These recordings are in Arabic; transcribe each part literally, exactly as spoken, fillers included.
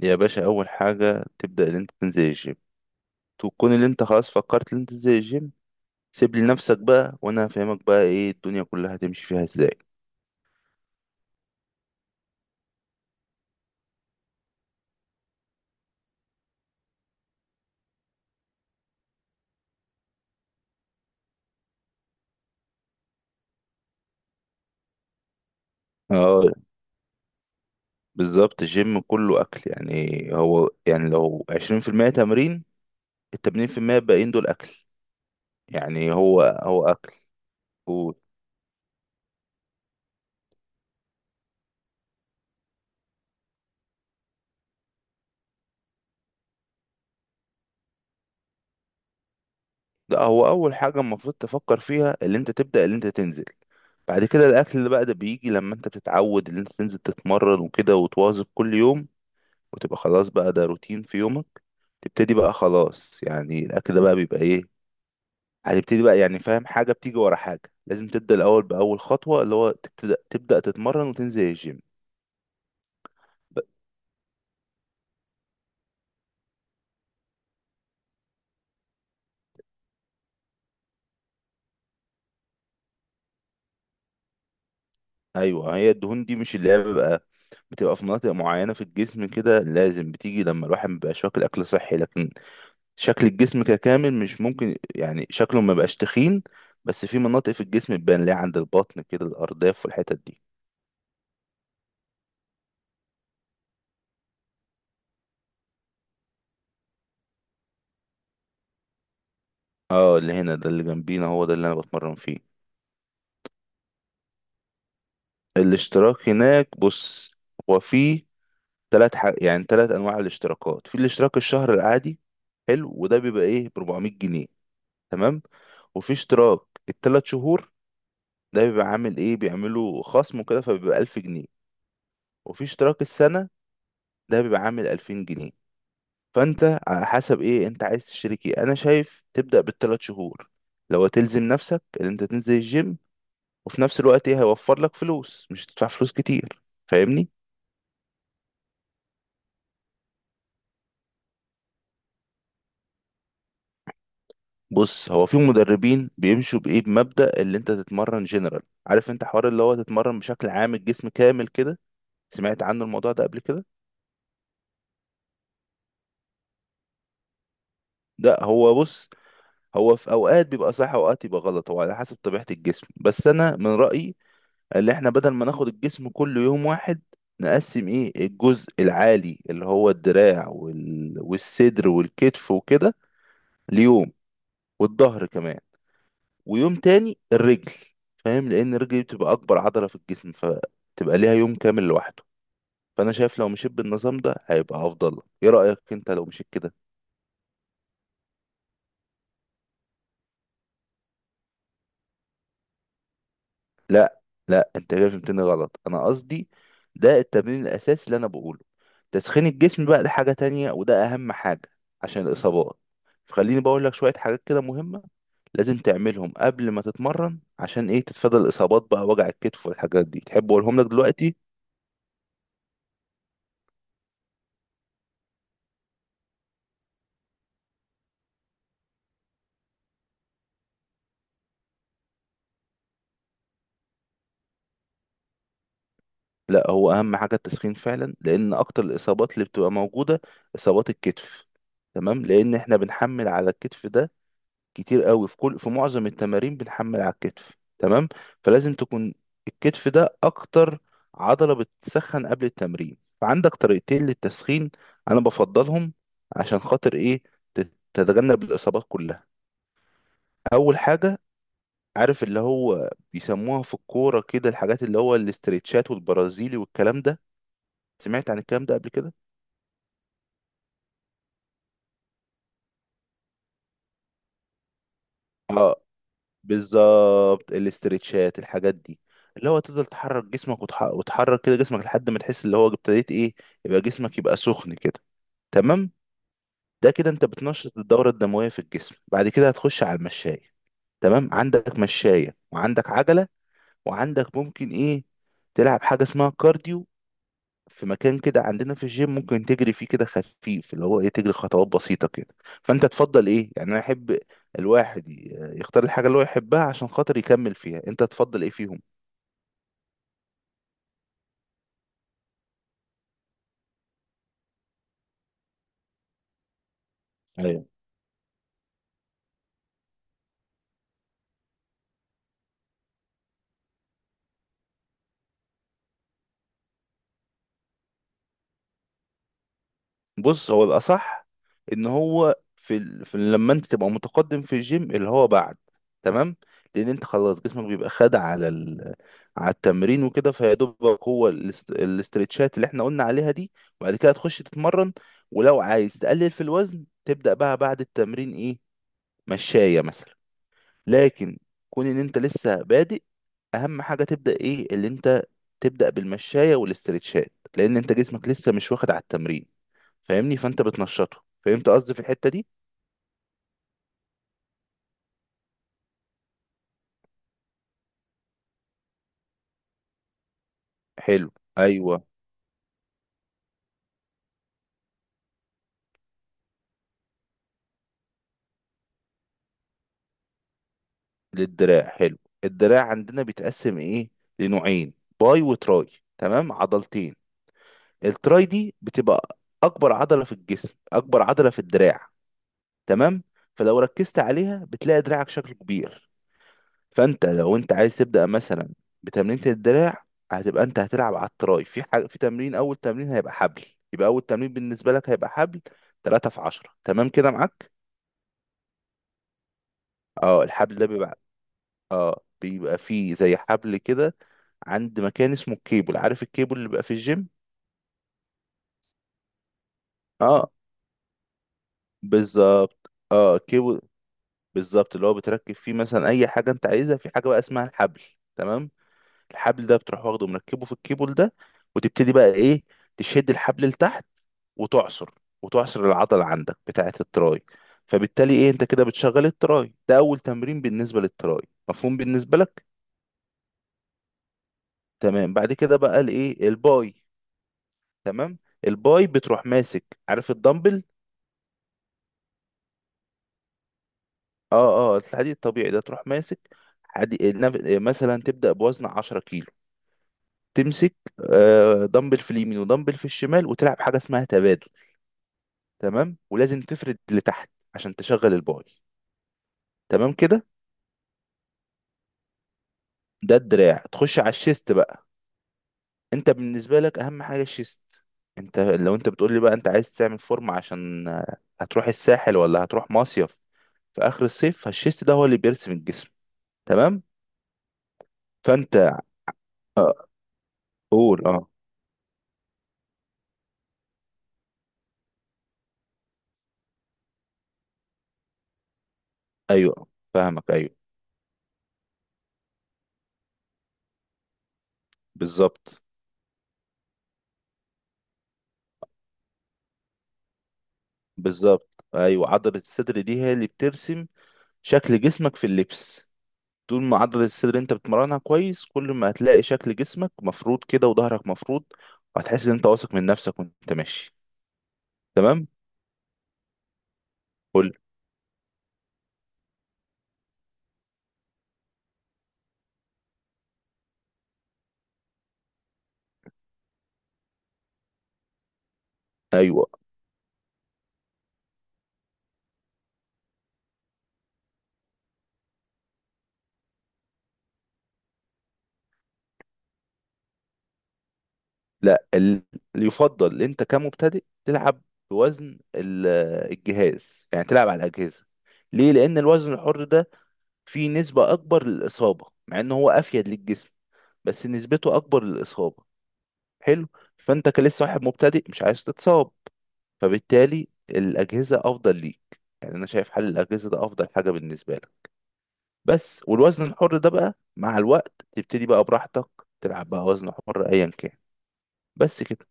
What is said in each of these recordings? يا باشا، اول حاجه تبدا ان انت تنزل الجيم. تكون اللي انت خلاص فكرت ان انت تنزل الجيم. سيب لي نفسك بقى وانا هفهمك بقى ايه الدنيا كلها هتمشي فيها ازاي. اه، بالظبط. الجيم كله اكل، يعني هو يعني لو عشرين في المية تمرين، التمانين في المية الباقيين دول اكل. يعني هو هو اكل. و- ده هو اول حاجه المفروض تفكر فيها، اللي انت تبدا اللي انت تنزل. بعد كده الاكل اللي بقى ده بيجي لما انت بتتعود ان انت تنزل تتمرن وكده وتواظب كل يوم، وتبقى خلاص بقى ده روتين في يومك. تبتدي بقى خلاص، يعني الاكل ده بقى بيبقى ايه. هتبتدي بقى، يعني فاهم، حاجة بتيجي ورا حاجة. لازم تبدأ الأول بأول خطوة، اللي هو تبتدأ تبدأ تتمرن وتنزل الجيم. ب- أيوة، هي الدهون دي مش اللي هي بيبقى بتبقى في مناطق معينة في الجسم كده. لازم بتيجي لما الواحد مبيبقاش واكل أكل صحي، لكن شكل الجسم ككامل مش ممكن يعني شكله مبيبقاش تخين، بس في مناطق في الجسم بتبان ليه، عند البطن كده، الأرداف والحتت دي. اه، اللي هنا ده اللي جنبينا، هو ده اللي أنا بتمرن فيه. الاشتراك هناك، بص، هو في ثلاث حاج... يعني ثلاث انواع الاشتراكات. في الاشتراك الشهر العادي حلو، وده بيبقى ايه ب اربعمية جنيه، تمام. وفي اشتراك الثلاث شهور، ده بيبقى عامل ايه، بيعملوا خصم كده فبيبقى الف جنيه. وفي اشتراك السنة، ده بيبقى عامل الفين جنيه. فانت على حسب ايه انت عايز تشترك. ايه، انا شايف تبدأ بالثلاث شهور، لو تلزم نفسك ان انت تنزل الجيم، وفي نفس الوقت ايه، هيوفر لك فلوس، مش هتدفع فلوس كتير. فاهمني. بص، هو في مدربين بيمشوا بايه، بمبدأ اللي انت تتمرن جنرال. عارف انت حوار اللي هو تتمرن بشكل عام، الجسم كامل كده؟ سمعت عنه الموضوع ده قبل كده؟ ده هو بص، هو في اوقات بيبقى صح اوقات يبقى غلط، هو على حسب طبيعة الجسم. بس انا من رأيي اللي احنا بدل ما ناخد الجسم كله يوم واحد، نقسم ايه الجزء العالي، اللي هو الدراع وال... والصدر والكتف وكده، ليوم. والظهر كمان. ويوم تاني الرجل. فاهم؟ لان الرجل دي بتبقى اكبر عضله في الجسم، فتبقى ليها يوم كامل لوحده. فانا شايف لو مشيت بالنظام ده هيبقى افضل لك. ايه رايك انت لو مشيت كده؟ لا، لا انت كده فهمتني غلط. انا قصدي ده التمرين الاساسي اللي انا بقوله. تسخين الجسم بقى ده حاجه تانية، وده اهم حاجه عشان الاصابات. فخليني بقول لك شويه حاجات كده مهمه، لازم تعملهم قبل ما تتمرن عشان ايه، تتفادى الاصابات بقى، وجع الكتف والحاجات دي. تحب اقولهم لك دلوقتي؟ لا، هو اهم حاجه التسخين فعلا، لان اكتر الاصابات اللي بتبقى موجوده اصابات الكتف. تمام؟ لان احنا بنحمل على الكتف ده كتير قوي، في كل في معظم التمارين بنحمل على الكتف، تمام. فلازم تكون الكتف ده اكتر عضله بتسخن قبل التمرين. فعندك طريقتين للتسخين انا بفضلهم، عشان خاطر ايه، تت- تتجنب الاصابات كلها. اول حاجه، عارف اللي هو بيسموها في الكوره كده، الحاجات اللي هو الاسترتشات والبرازيلي والكلام ده؟ سمعت عن الكلام ده قبل كده؟ اه، بالظبط الاسترتشات الحاجات دي، اللي هو تفضل تحرك جسمك وتح... وتحرك كده جسمك لحد ما تحس اللي هو ابتديت ايه، يبقى جسمك يبقى سخن كده، تمام. ده كده انت بتنشط الدورة الدموية في الجسم. بعد كده هتخش على المشاية، تمام. عندك مشاية وعندك عجلة، وعندك ممكن ايه، تلعب حاجة اسمها كارديو، في مكان كده عندنا في الجيم ممكن تجري فيه كده خفيف، اللي هو ايه، تجري خطوات بسيطة كده. فانت تفضل ايه، يعني انا احب الواحد ي- يختار الحاجة اللي هو يحبها، عشان خاطر يكمل فيها. انت تفضل ايه فيهم؟ بص، هو الأصح إن هو في, ال... في لما أنت تبقى متقدم في الجيم، اللي هو بعد، تمام. لأن أنت خلاص جسمك بيبقى خد على ال... على التمرين وكده، فيا دوبك هو الاست... الاسترتشات اللي إحنا قلنا عليها دي، وبعد كده تخش تتمرن. ولو عايز تقلل في الوزن، تبدأ بقى بعد التمرين إيه، مشاية مثلا. لكن كون إن أنت لسه بادئ، أهم حاجة تبدأ إيه، اللي أنت تبدأ بالمشاية والاسترتشات، لأن أنت جسمك لسه مش واخد على التمرين، فاهمني؟ فانت بتنشطه. فهمت قصدي في الحتة دي؟ حلو. ايوه. للدراع، حلو. الدراع عندنا بيتقسم ايه، لنوعين، باي وتراي، تمام، عضلتين. التراي دي بتبقى اكبر عضلة في الجسم، اكبر عضلة في الدراع، تمام. فلو ركزت عليها بتلاقي دراعك شكله كبير. فانت لو انت عايز تبدأ مثلا بتمرينة الدراع، هتبقى انت هتلعب على التراي، في حاجة في تمرين، اول تمرين هيبقى حبل. يبقى اول تمرين بالنسبة لك هيبقى حبل، تلاتة في عشرة، تمام كده معاك؟ اه، الحبل ده بيبقى، اه بيبقى فيه زي حبل كده، عند مكان اسمه الكيبل، عارف الكيبل اللي بيبقى في الجيم؟ اه، بالظبط، اه كيبل. بالظبط، اللي هو بتركب فيه مثلا اي حاجه انت عايزها، في حاجه بقى اسمها الحبل، تمام. الحبل ده بتروح واخده مركبه في الكيبل ده، وتبتدي بقى ايه، تشد الحبل لتحت وتعصر، وتعصر العضله عندك بتاعه التراي. فبالتالي ايه انت كده بتشغل التراي. ده اول تمرين بالنسبه للتراي، مفهوم بالنسبه لك؟ تمام. بعد كده بقى الايه، الباي، تمام. الباي بتروح ماسك، عارف الدمبل؟ اه، اه الحديد الطبيعي ده تروح ماسك، حدي... نف- مثلا تبدأ بوزن عشرة كيلو، تمسك، آه، دمبل في اليمين ودمبل في الشمال، وتلعب حاجة اسمها تبادل، تمام. ولازم تفرد لتحت عشان تشغل الباي، تمام كده. ده الدراع. تخش على الشيست بقى، انت بالنسبة لك اهم حاجة الشيست. انت لو انت بتقول لي بقى انت عايز تعمل فورم، عشان آه، هتروح الساحل ولا هتروح مصيف في اخر الصيف، فالشيست ده هو اللي بيرسم الجسم، تمام. فانت آه، قول اه. ايوه، فاهمك ايوه. بالظبط. بالظبط، ايوه، عضله الصدر دي هي اللي بترسم شكل جسمك في اللبس. طول ما عضله الصدر انت بتمرنها كويس، كل ما هتلاقي شكل جسمك مفروض كده وظهرك مفروض، وهتحس ان انت واثق من نفسك وانت ماشي. تمام. قول. ايوه. لا، ال- اللي يفضل إن انت كمبتدئ تلعب بوزن ال- الجهاز، يعني تلعب على الاجهزه. ليه؟ لان الوزن الحر ده في نسبة أكبر للإصابة، مع إن هو أفيد للجسم، بس نسبته أكبر للإصابة. حلو. فأنت كلسه واحد مبتدئ مش عايز تتصاب، فبالتالي الأجهزة أفضل ليك. يعني أنا شايف حل الأجهزة ده أفضل حاجة بالنسبة لك. بس والوزن الحر ده بقى مع الوقت تبتدي بقى براحتك، تلعب بقى وزن حر أيا كان. بس كده.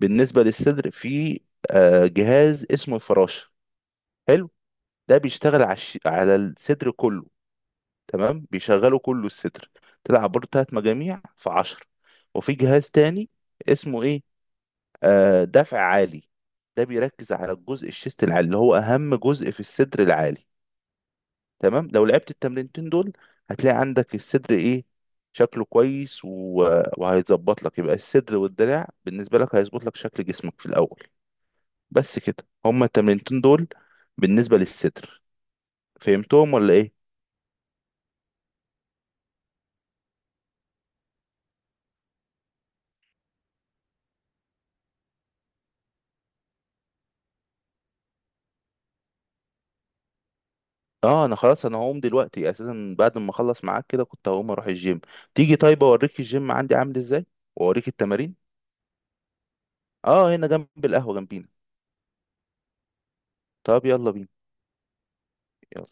بالنسبة للصدر، في آه، جهاز اسمه الفراشة، حلو. ده بيشتغل على الش- على الصدر كله، تمام بيشغلوا كله الستر. تلعب برضه تلات مجاميع في عشرة. وفي جهاز تاني اسمه ايه، آه دفع عالي. ده بيركز على الجزء الشيست العالي، اللي هو اهم جزء في الصدر العالي، تمام. لو لعبت التمرينتين دول، هتلاقي عندك الصدر ايه، شكله كويس. و... وهيظبط لك، يبقى الصدر والدراع بالنسبة لك هيظبط لك شكل جسمك في الأول. بس كده هما التمرينتين دول بالنسبة للصدر. فهمتهم ولا ايه؟ اه انا خلاص انا هقوم دلوقتي اساسا، بعد ما اخلص معاك كده كنت هقوم اروح الجيم. تيجي طيب اوريك الجيم عندي عامل ازاي، واوريك التمارين. اه هنا جنب القهوة جنبينا. طب يلا بينا. يلا.